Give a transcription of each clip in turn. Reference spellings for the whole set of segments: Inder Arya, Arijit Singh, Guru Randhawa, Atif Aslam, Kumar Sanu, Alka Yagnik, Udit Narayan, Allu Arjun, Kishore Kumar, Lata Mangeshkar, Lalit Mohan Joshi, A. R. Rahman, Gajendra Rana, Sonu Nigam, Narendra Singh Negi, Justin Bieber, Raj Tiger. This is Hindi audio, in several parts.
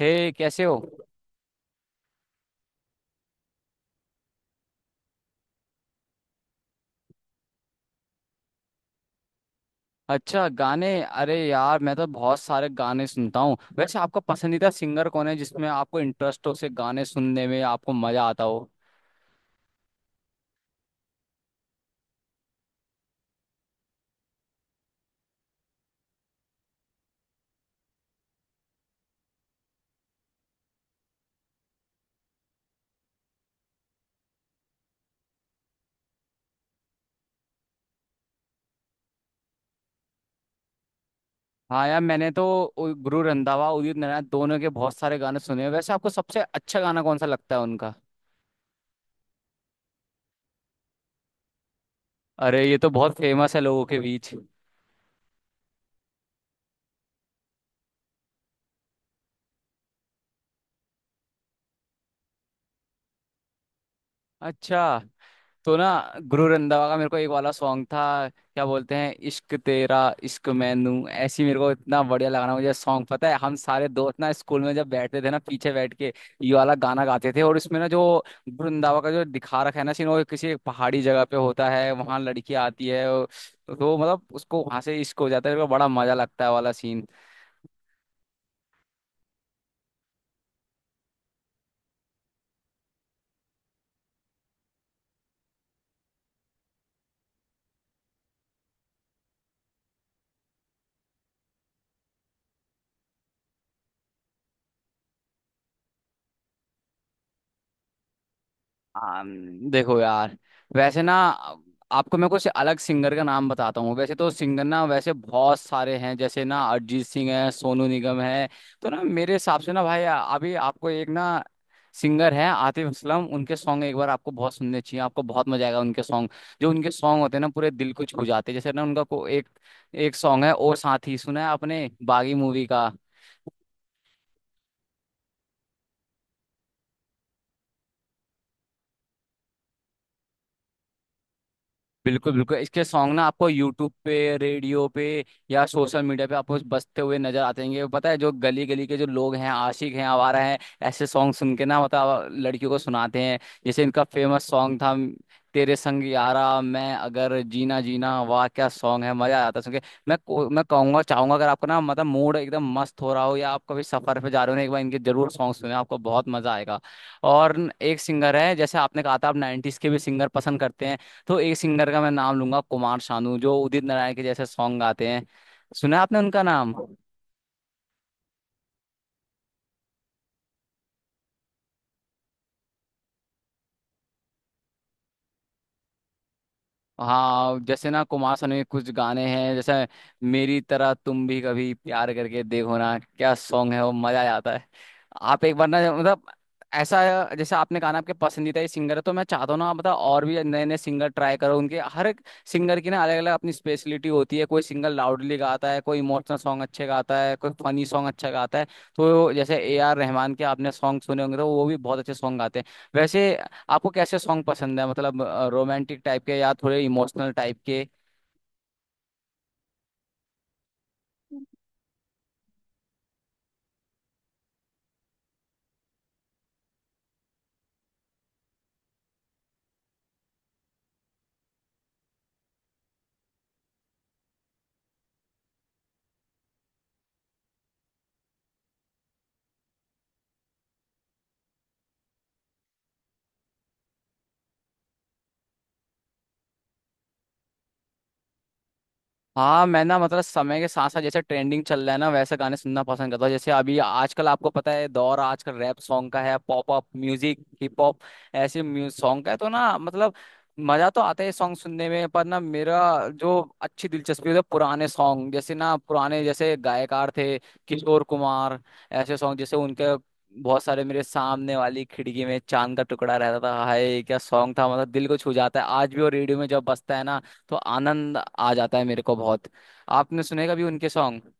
हे, कैसे हो। अच्छा, गाने। अरे यार, मैं तो बहुत सारे गाने सुनता हूँ। वैसे आपका पसंदीदा सिंगर कौन है जिसमें आपको इंटरेस्ट हो, से गाने सुनने में आपको मजा आता हो। हाँ यार, मैंने तो गुरु रंधावा, उदित नारायण दोनों के बहुत सारे गाने सुने हैं। वैसे आपको सबसे अच्छा गाना कौन सा लगता है उनका। अरे ये तो बहुत फेमस है लोगों के बीच। अच्छा, तो ना गुरु रंधावा का मेरे को एक वाला सॉन्ग था, क्या बोलते हैं, इश्क तेरा, इश्क मैनू ऐसी। मेरे को इतना बढ़िया लगा ना मुझे सॉन्ग, पता है हम सारे दोस्त ना स्कूल में जब बैठते थे ना, पीछे बैठ के ये वाला गाना गाते थे। और इसमें ना जो गुरु रंधावा का जो दिखा रखा है ना सीन, वो किसी एक पहाड़ी जगह पे होता है, वहां लड़की आती है तो मतलब उसको वहां से इश्क हो जाता है। मेरे को बड़ा मजा लगता है वाला सीन। आम, देखो यार, वैसे ना आपको मैं कुछ अलग सिंगर का नाम बताता हूँ। वैसे तो सिंगर ना वैसे बहुत सारे हैं, जैसे ना अरिजीत सिंह है, सोनू निगम है। तो ना मेरे हिसाब से ना भाई अभी आपको एक ना सिंगर है आतिफ असलम, उनके सॉन्ग एक बार आपको बहुत सुनने चाहिए, आपको बहुत मजा आएगा उनके सॉन्ग। जो उनके सॉन्ग होते हैं ना पूरे दिल को छू जाते हैं। जैसे ना उनका को एक एक सॉन्ग है, ओ साथी, सुना है आपने, बागी मूवी का। बिल्कुल बिल्कुल, इसके सॉन्ग ना आपको यूट्यूब पे, रेडियो पे या सोशल मीडिया पे आपको बजते हुए नजर आते हैं। पता है, जो गली गली के जो लोग हैं, आशिक हैं, आवारा हैं, ऐसे सॉन्ग सुन के ना मतलब लड़कियों को सुनाते हैं। जैसे इनका फेमस सॉन्ग था, तेरे संग यारा मैं अगर जीना जीना, वाह क्या सॉन्ग है, मजा आ जाता है सुन के। मैं कहूंगा चाहूंगा, अगर आपको ना मतलब मूड एकदम मस्त हो रहा हो या आप कभी सफर पे जा रहे हो ना, एक बार इनके जरूर सॉन्ग सुने, आपको बहुत मजा आएगा। और एक सिंगर है, जैसे आपने कहा था आप नाइन्टीज के भी सिंगर पसंद करते हैं, तो एक सिंगर का मैं नाम लूंगा, कुमार शानू, जो उदित नारायण के जैसे सॉन्ग गाते हैं। सुना है आपने उनका नाम। हाँ जैसे ना कुमार सानू के कुछ गाने हैं जैसे, मेरी तरह तुम भी कभी प्यार करके देखो ना, क्या सॉन्ग है वो, मजा आ जाता है। आप एक बार ना मतलब ऐसा, जैसे आपने कहा ना आपके पसंदीदा ही सिंगर है, तो मैं चाहता हूँ ना आप मतलब और भी नए नए सिंगर ट्राई करो। उनके हर एक सिंगर की ना अलग अलग अपनी स्पेशलिटी होती है। कोई सिंगर लाउडली गाता है, कोई इमोशनल सॉन्ग अच्छे गाता है, कोई फनी सॉन्ग अच्छा गाता है। तो जैसे ए आर रहमान के आपने सॉन्ग सुने होंगे, तो वो भी बहुत अच्छे सॉन्ग गाते हैं। वैसे आपको कैसे सॉन्ग पसंद है, मतलब रोमांटिक टाइप के या थोड़े इमोशनल टाइप के। हाँ, मैं ना मतलब समय के साथ साथ जैसे ट्रेंडिंग चल रहा है ना वैसे गाने सुनना पसंद करता हूँ। जैसे अभी आजकल आपको पता है, दौर आजकल रैप सॉन्ग का है, pop up music, hip hop, ऐसे म्यूजिक सॉन्ग का है। तो ना मतलब मजा तो आता है सॉन्ग सुनने में, पर ना मेरा जो अच्छी दिलचस्पी है पुराने सॉन्ग, जैसे ना पुराने जैसे गायकार थे, किशोर कुमार, ऐसे सॉन्ग जैसे उनके बहुत सारे, मेरे सामने वाली खिड़की में चांद का टुकड़ा रहता था, हाय क्या सॉन्ग था, मतलब दिल को छू जाता है। आज भी वो रेडियो में जब बजता है ना, तो आनंद आ जाता है मेरे को बहुत। आपने सुने कभी उनके सॉन्ग।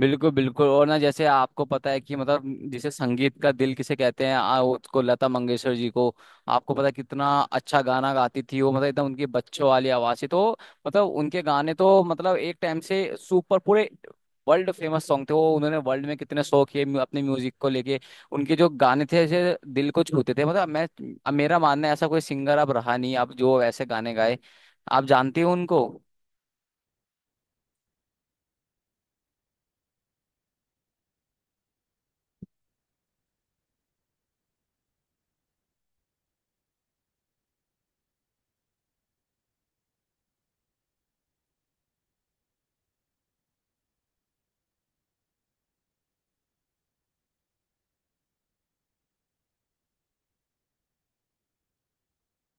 बिल्कुल बिल्कुल, और ना जैसे आपको पता है कि मतलब जिसे संगीत का दिल किसे कहते हैं उसको लता मंगेशकर जी को। आपको पता है कितना अच्छा गाना गाती थी वो, मतलब एकदम उनकी बच्चों वाली आवाज थी। तो मतलब उनके गाने तो मतलब एक टाइम से सुपर पूरे वर्ल्ड फेमस सॉन्ग थे। वो उन्होंने वर्ल्ड में कितने शो किए अपने म्यूजिक को लेके। उनके जो गाने थे ऐसे दिल को छूते थे, मतलब मैं अब मेरा मानना है ऐसा कोई सिंगर अब रहा नहीं अब, जो ऐसे गाने गाए। आप जानती हो उनको।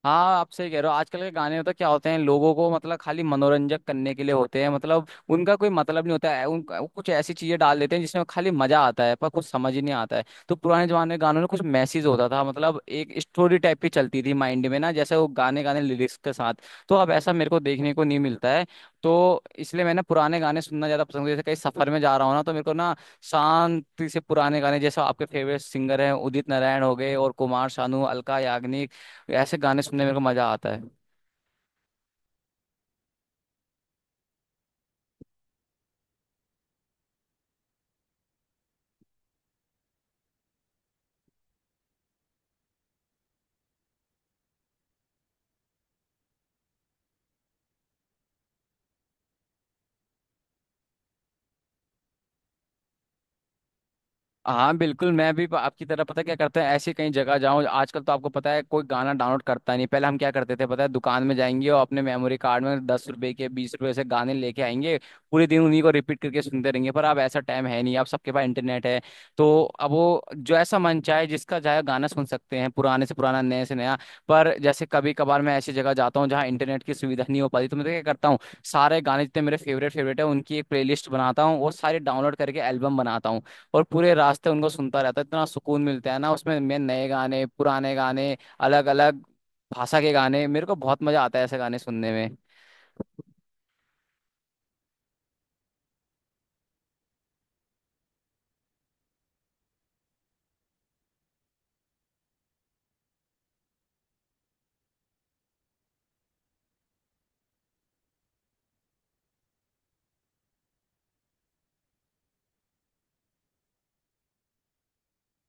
हाँ, आप सही कह रहे हो। आजकल के गाने होता क्या होते हैं, लोगों को मतलब खाली मनोरंजक करने के लिए होते हैं, मतलब उनका कोई मतलब नहीं होता है। उनका वो कुछ ऐसी चीजें डाल देते हैं जिसमें खाली मजा आता है, पर कुछ समझ ही नहीं आता है। तो पुराने जमाने के गानों में कुछ मैसेज होता था, मतलब एक स्टोरी टाइप की चलती थी माइंड में ना, जैसे वो गाने, गाने लिरिक्स के साथ। तो अब ऐसा मेरे को देखने को नहीं मिलता है। तो इसलिए मैं ना पुराने गाने सुनना ज्यादा पसंद, जैसे कहीं सफर में जा रहा हूँ ना, तो मेरे को ना शांति से पुराने गाने, जैसे आपके फेवरेट सिंगर हैं, उदित नारायण हो गए और कुमार शानू, अलका याग्निक, ये ऐसे गाने सुनने में मेरे को मजा आता है। हाँ बिल्कुल, मैं भी आपकी तरह, पता क्या करता है, ऐसी कहीं जगह जाऊँ आजकल, तो आपको पता है कोई गाना डाउनलोड करता नहीं। पहले हम क्या करते थे पता है, दुकान में जाएंगे और अपने मेमोरी कार्ड में 10 रुपए के, 20 रुपए से गाने लेके आएंगे, पूरे दिन उन्हीं को रिपीट करके सुनते रहेंगे। पर अब ऐसा टाइम है नहीं, अब सबके पास इंटरनेट है। तो अब वो जो ऐसा मन चाहे जिसका चाहे गाना सुन सकते हैं, पुराने से पुराना, नए से नया। पर जैसे कभी कभार मैं ऐसी जगह जाता हूँ जहाँ इंटरनेट की सुविधा नहीं हो पाती, तो मैं तो क्या करता हूँ, सारे गाने जितने मेरे फेवरेट फेवरेट है उनकी एक प्लेलिस्ट बनाता हूँ, वो सारे डाउनलोड करके एल्बम बनाता हूँ और पूरे रास्ते उनको सुनता रहता है। इतना सुकून मिलता है ना उसमें, मैं नए गाने, पुराने गाने, अलग अलग भाषा के गाने, मेरे को बहुत मजा आता है ऐसे गाने सुनने में।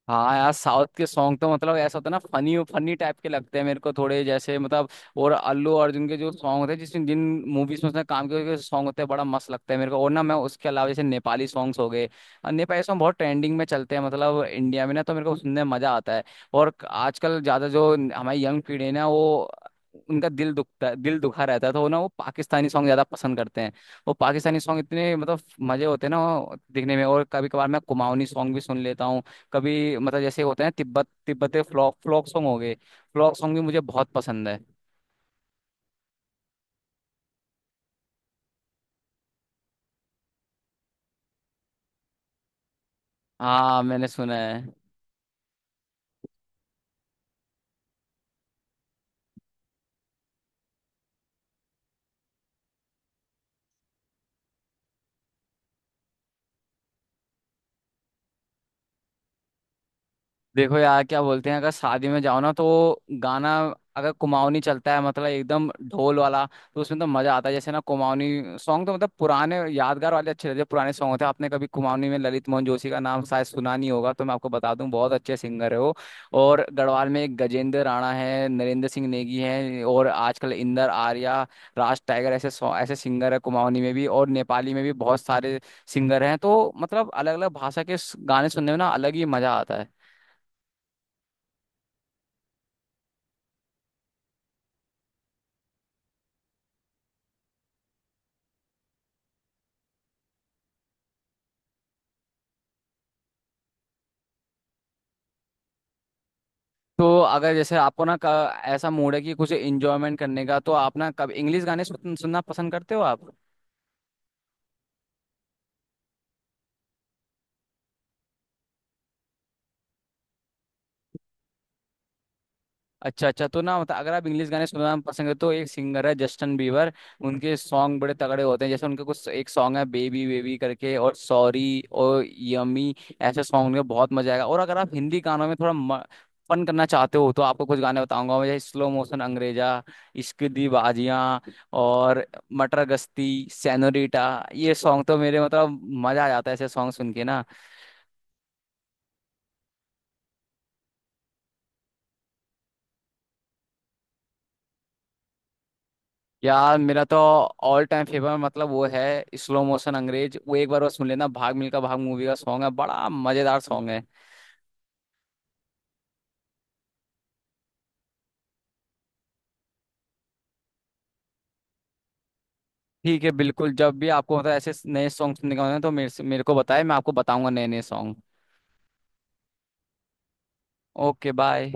हाँ यार, साउथ के सॉन्ग तो मतलब ऐसा होता है ना, फनी फनी टाइप के लगते हैं मेरे को, थोड़े जैसे मतलब। और अल्लू अर्जुन के जो सॉन्ग होते हैं, जिसमें जिन मूवीज में उसने काम किया, सॉन्ग होते हैं बड़ा मस्त लगता है मेरे को। और ना मैं उसके अलावा जैसे नेपाली सॉन्ग्स हो गए, नेपाली सॉन्ग बहुत ट्रेंडिंग में चलते हैं मतलब इंडिया में ना, तो मेरे को सुनने में मजा आता है। और आजकल ज्यादा जो हमारी यंग पीढ़ी है ना, वो उनका दिल दुखता, दिल दुखा रहता है, तो वो ना वो पाकिस्तानी सॉन्ग ज्यादा पसंद करते हैं। वो पाकिस्तानी सॉन्ग इतने मतलब मजे होते हैं ना वो दिखने में। और कभी कभार मैं कुमाऊनी सॉन्ग भी सुन लेता हूँ। कभी मतलब जैसे होते हैं, तिब्बत, तिब्बते फ्लॉक, फ्लॉक सॉन्ग हो गए, फ्लॉक सॉन्ग भी मुझे बहुत पसंद है। हाँ मैंने सुना है। देखो यार क्या बोलते हैं, अगर शादी में जाओ ना तो गाना, अगर कुमाऊनी चलता है मतलब एकदम ढोल वाला, तो उसमें तो मजा आता है। जैसे ना कुमाऊनी सॉन्ग तो मतलब पुराने यादगार वाले अच्छे रहते हैं, पुराने सॉन्ग होते हैं। आपने कभी कुमाऊनी में ललित मोहन जोशी का नाम शायद सुना नहीं होगा, तो मैं आपको बता दूं, बहुत अच्छे सिंगर है वो। और गढ़वाल में एक गजेंद्र राणा है, नरेंद्र सिंह नेगी है, और आजकल इंदर आर्या, राज टाइगर, ऐसे सिंगर है कुमाऊनी में भी और नेपाली में भी बहुत सारे सिंगर हैं। तो मतलब अलग अलग भाषा के गाने सुनने में ना अलग ही मजा आता है। तो अगर जैसे आपको ना ऐसा मूड है कि कुछ इंजॉयमेंट करने का, तो आप ना कब इंग्लिश गाने सुनना पसंद करते हो आप। अच्छा अच्छा, तो ना मतलब अगर आप इंग्लिश गाने सुनना पसंद है, तो एक सिंगर है जस्टिन बीबर, उनके सॉन्ग बड़े तगड़े होते हैं। जैसे उनके कुछ एक सॉन्ग है, बेबी बेबी करके, और सॉरी, और यमी, ऐसे सॉन्ग उनके, बहुत मजा आएगा। और अगर आप हिंदी गानों में थोड़ा फन करना चाहते हो, तो आपको कुछ गाने बताऊंगा मैं, जैसे स्लो मोशन अंग्रेजा, इश्क दी बाजियां, और मटर गश्ती, सेनोरीटा, ये सॉन्ग तो मेरे मतलब, मजा आ जाता है ऐसे सॉन्ग सुन के ना। यार मेरा तो ऑल टाइम फेवरेट मतलब वो है, स्लो मोशन अंग्रेज, वो एक बार और सुन लेना, भाग मिल्खा भाग मूवी का सॉन्ग है, बड़ा मजेदार सॉन्ग है। ठीक है बिल्कुल, जब भी आपको मतलब ऐसे नए सॉन्ग सुनने का मन है तो मेरे से, मेरे को बताएं, मैं आपको बताऊंगा नए नए सॉन्ग। Okay bye.